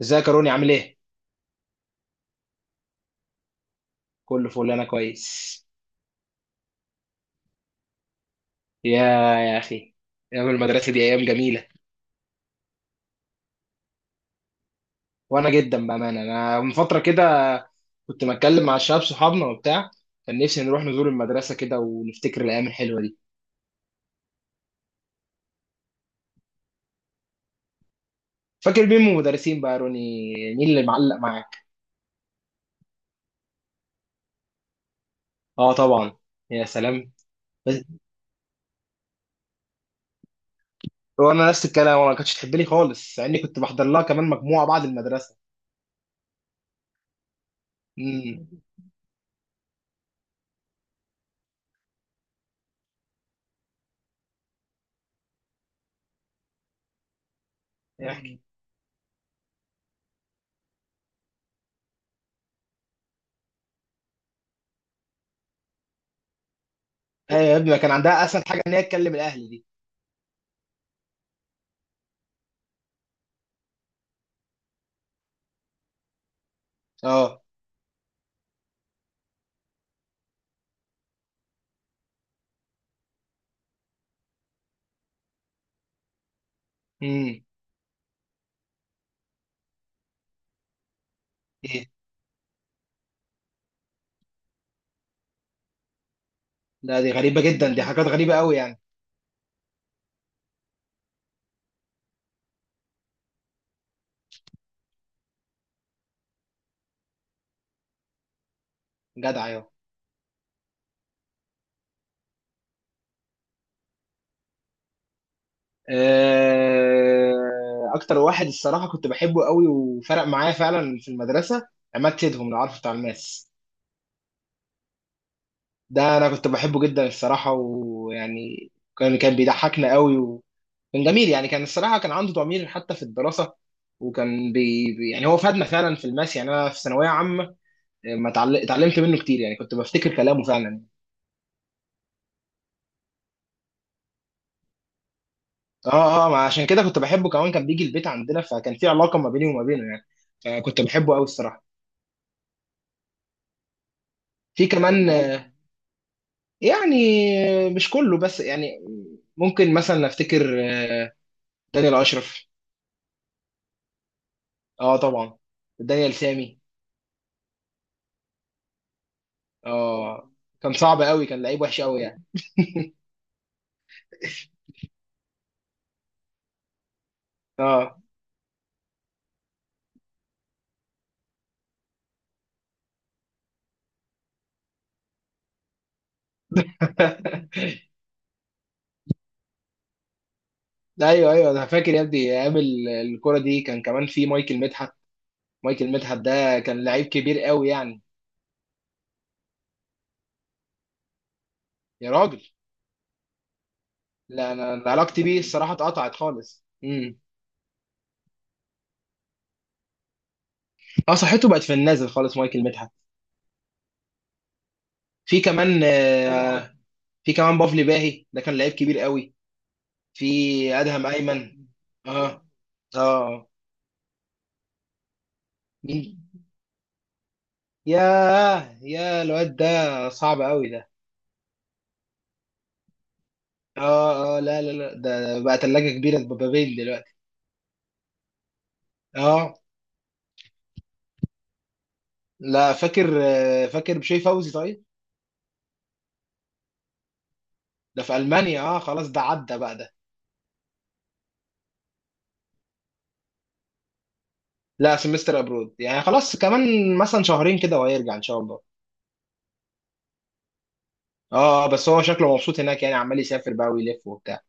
ازيك يا روني عامل ايه؟ كله فل، انا كويس. يا يا اخي، ايام المدرسه دي ايام جميله. وانا جدا بامانه، انا من فتره كده كنت بتكلم مع الشباب صحابنا وبتاع، كان نفسي نروح نزور المدرسه كده ونفتكر الايام الحلوه دي. فاكر مين من المدرسين بقى يا روني؟ مين اللي معلق معاك؟ اه طبعا. يا سلام. بس. وانا نفس الكلام، وانا ما كانتش تحب لي خالص مع اني كنت بحضر لها كمان مجموعه بعد المدرسه. امم. احكي. ايوه يا ابني، ما كان عندها اسهل حاجه ان هي تكلم الاهل دي. اه. امم. لا دي غريبة جدا، دي حاجات غريبة قوي يعني. جدع، ايوه. آه، اكتر واحد الصراحة كنت بحبه قوي وفرق معايا فعلا في المدرسة، عماد سيدهم، لو عارفه بتاع الماس. ده انا كنت بحبه جدا الصراحة ويعني كان بيضحكنا قوي وكان جميل يعني، كان الصراحة كان عنده ضمير حتى في الدراسة. وكان يعني هو فادنا فعلا في الماس يعني، انا في ثانوية عامة. ما اتعلمت منه كتير يعني، كنت بفتكر كلامه فعلا. اه اه، ما عشان كده كنت بحبه كمان، كان بيجي البيت عندنا فكان في علاقه ما بيني وما بينه يعني، فكنت بحبه قوي الصراحه. في كمان يعني. آه، مش كله بس يعني، ممكن مثلا افتكر. آه، دانيال اشرف. اه طبعا. دانيال سامي. اه، كان صعب قوي، كان لعيب وحش قوي يعني. اه. ايوه ايوه، انا فاكر يا ابني ايام الكره دي، كان كمان في مايكل مدحت. مايكل مدحت ده كان لعيب كبير قوي يعني. يا راجل. لا، انا علاقتي بيه الصراحه اتقطعت خالص اه، صحته بقت في النازل خالص مايكل مدحت. في كمان في كمان بافلي باهي، ده كان لعيب كبير قوي. في ادهم ايمن. اه. اه آه. مين؟ ياه، يا الواد ده، صعب قوي ده. اه اه، لا لا لا، ده بقى تلاجة كبيرة بابابيل دلوقتي. اه. لا، فاكر بشوي فوزي طيب. ده في المانيا، اه خلاص، ده عدى بقى ده. لا، سمستر ابرود يعني، خلاص كمان مثلا شهرين كده وهيرجع ان شاء الله. اه بس هو شكله مبسوط هناك يعني، عمال يسافر بقى ويلف وبتاع.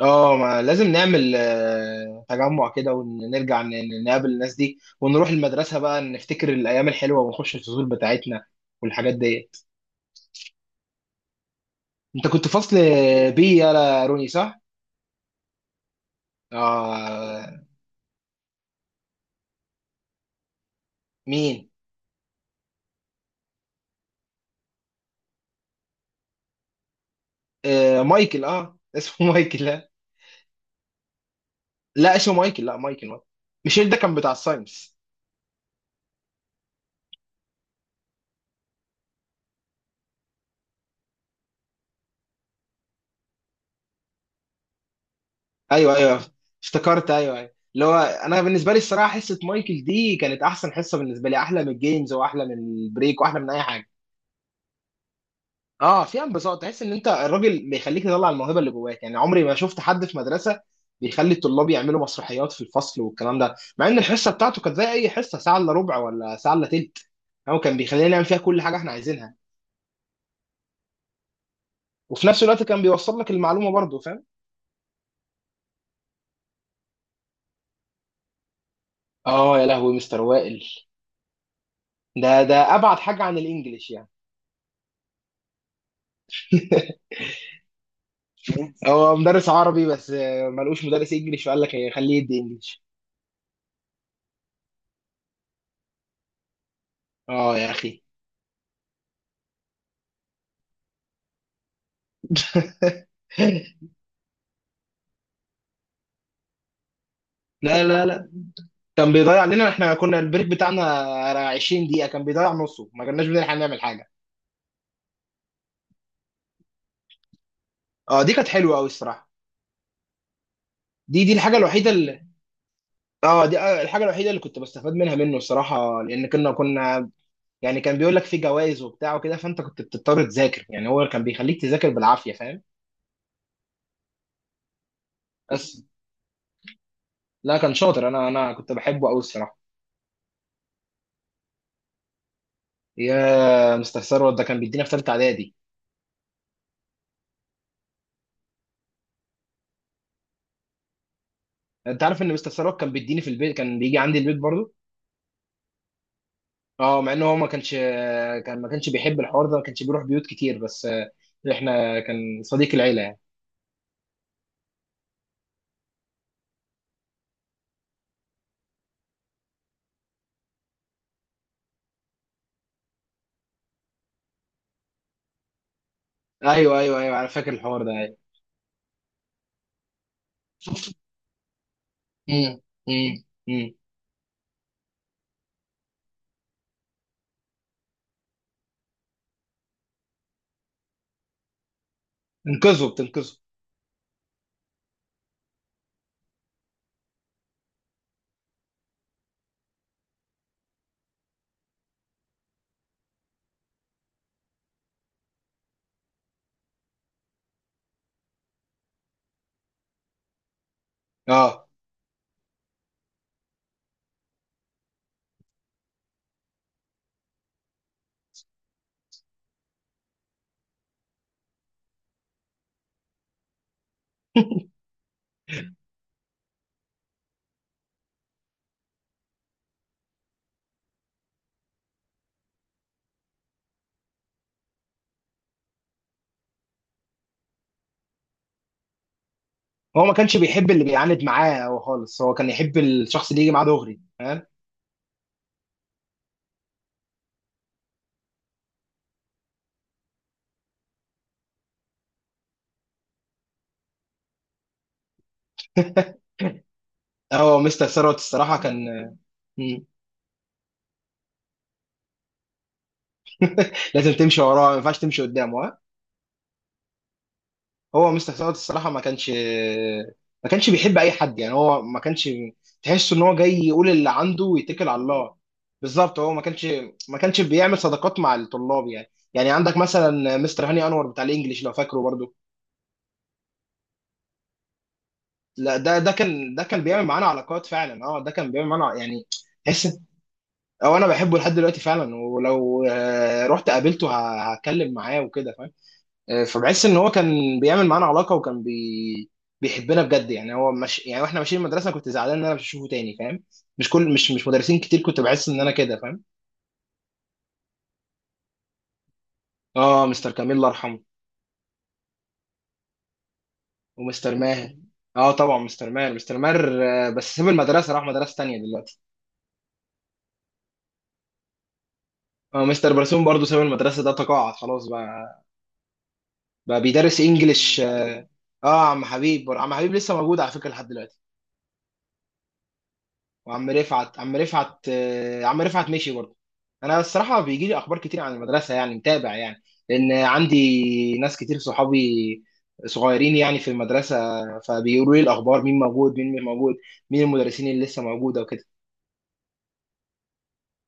اه، ما لازم نعمل تجمع كده ونرجع نقابل الناس دي، ونروح المدرسة بقى نفتكر الأيام الحلوة ونخش الفصول بتاعتنا والحاجات دي. أنت كنت فصل بي يا روني، صح؟ آه. مين؟ آه مايكل، اه اسمه مايكل، لا. لا اسمه مايكل، لا مايكل مايكل، ميشيل ده كان بتاع الساينس. أيوه أيوه، افتكرت، أيوه أيوه اللي هو، أنا بالنسبة لي الصراحة حصة مايكل دي كانت أحسن حصة بالنسبة لي، أحلى من الجيمز وأحلى من البريك وأحلى من أي حاجة. اه فيها انبساط، تحس ان انت الراجل بيخليك تطلع الموهبه اللي جواك يعني. عمري ما شفت حد في مدرسه بيخلي الطلاب يعملوا مسرحيات في الفصل والكلام ده، مع ان الحصه بتاعته كانت زي اي حصه، ساعه الا ربع ولا ساعه الا تلت. هو كان بيخلينا نعمل فيها كل حاجه احنا عايزينها، وفي نفس الوقت كان بيوصل لك المعلومه برضه، فاهم؟ اه يا لهوي، مستر وائل ده ابعد حاجه عن الانجليش يعني. هو مدرس عربي بس ملقوش مدرس انجليش فقال لك إيه، خليه يدي انجليش. اه يا اخي. لا لا لا، كان بيضيع علينا، احنا كنا البريك بتاعنا 20 دقيقة كان بيضيع نصه، ما كناش بنلحق نعمل حاجة. اه دي كانت حلوة قوي الصراحة، دي الحاجة الوحيدة اللي. اه دي الحاجة الوحيدة اللي كنت بستفاد منها منه الصراحة، لأن كنا يعني كان بيقول لك في جوائز وبتاع وكده فأنت كنت بتضطر تذاكر يعني، هو كان بيخليك تذاكر بالعافية، فاهم؟ بس. لا كان شاطر، أنا كنت بحبه قوي الصراحة. يا مستر ثروت، ده كان بيدينا في ثالثة إعدادي. أنت عارف إن مستر ثروت كان بيديني في البيت؟ كان بيجي عندي البيت برضه. اه مع ان هو ما كانش، ما كانش بيحب الحوار ده، ما كانش بيروح بيوت كتير بس احنا كان صديق العيله يعني. ايوه ايوه ايوه، انا فاكر الحوار ده ايوه. امم امم امم. انقذه بتنقذه. اه. هو ما كانش بيحب اللي بيعاند معاه هو خالص، هو كان يحب الشخص اللي يجي معاه دغري، فاهم؟ اه مستر ثروت الصراحه كان. مم. لازم تمشي وراه، ما ينفعش تمشي قدامه. هو مستر سعد الصراحه ما كانش، ما كانش بيحب اي حد يعني، هو ما كانش تحس ان هو جاي يقول اللي عنده ويتكل على الله. بالظبط، هو ما كانش، ما كانش بيعمل صداقات مع الطلاب يعني عندك مثلا مستر هاني انور بتاع الانجليش، لو فاكره برضو. لا، ده كان بيعمل معانا علاقات فعلا. اه ده كان بيعمل معانا يعني. تحس، او انا بحبه لحد دلوقتي فعلا، ولو رحت قابلته هتكلم معاه وكده، فاهم؟ فبحس ان هو كان بيعمل معانا علاقه، وكان بيحبنا بجد يعني، هو مش يعني، واحنا ماشيين المدرسه كنت زعلان ان انا مش هشوفه تاني، فاهم؟ مش مدرسين كتير كنت بحس ان انا كده، فاهم؟ اه مستر كميل الله يرحمه. ومستر ماهر. اه طبعا، مستر ماهر مستر ماهر، بس ساب المدرسه، راح مدرسه تانيه دلوقتي. اه مستر برسوم برضه ساب المدرسه، ده تقاعد خلاص بقى، بقى بيدرس انجليش اه. آه، عم حبيب، عم حبيب لسه موجود على فكره لحد دلوقتي. وعم رفعت، عم رفعت عم رفعت مشي برضه. انا الصراحه بيجي لي اخبار كتير عن المدرسه يعني، متابع يعني، لان عندي ناس كتير صحابي صغيرين يعني في المدرسه، فبيقولوا لي الاخبار مين موجود مين مش موجود، مين المدرسين اللي لسه موجوده وكده.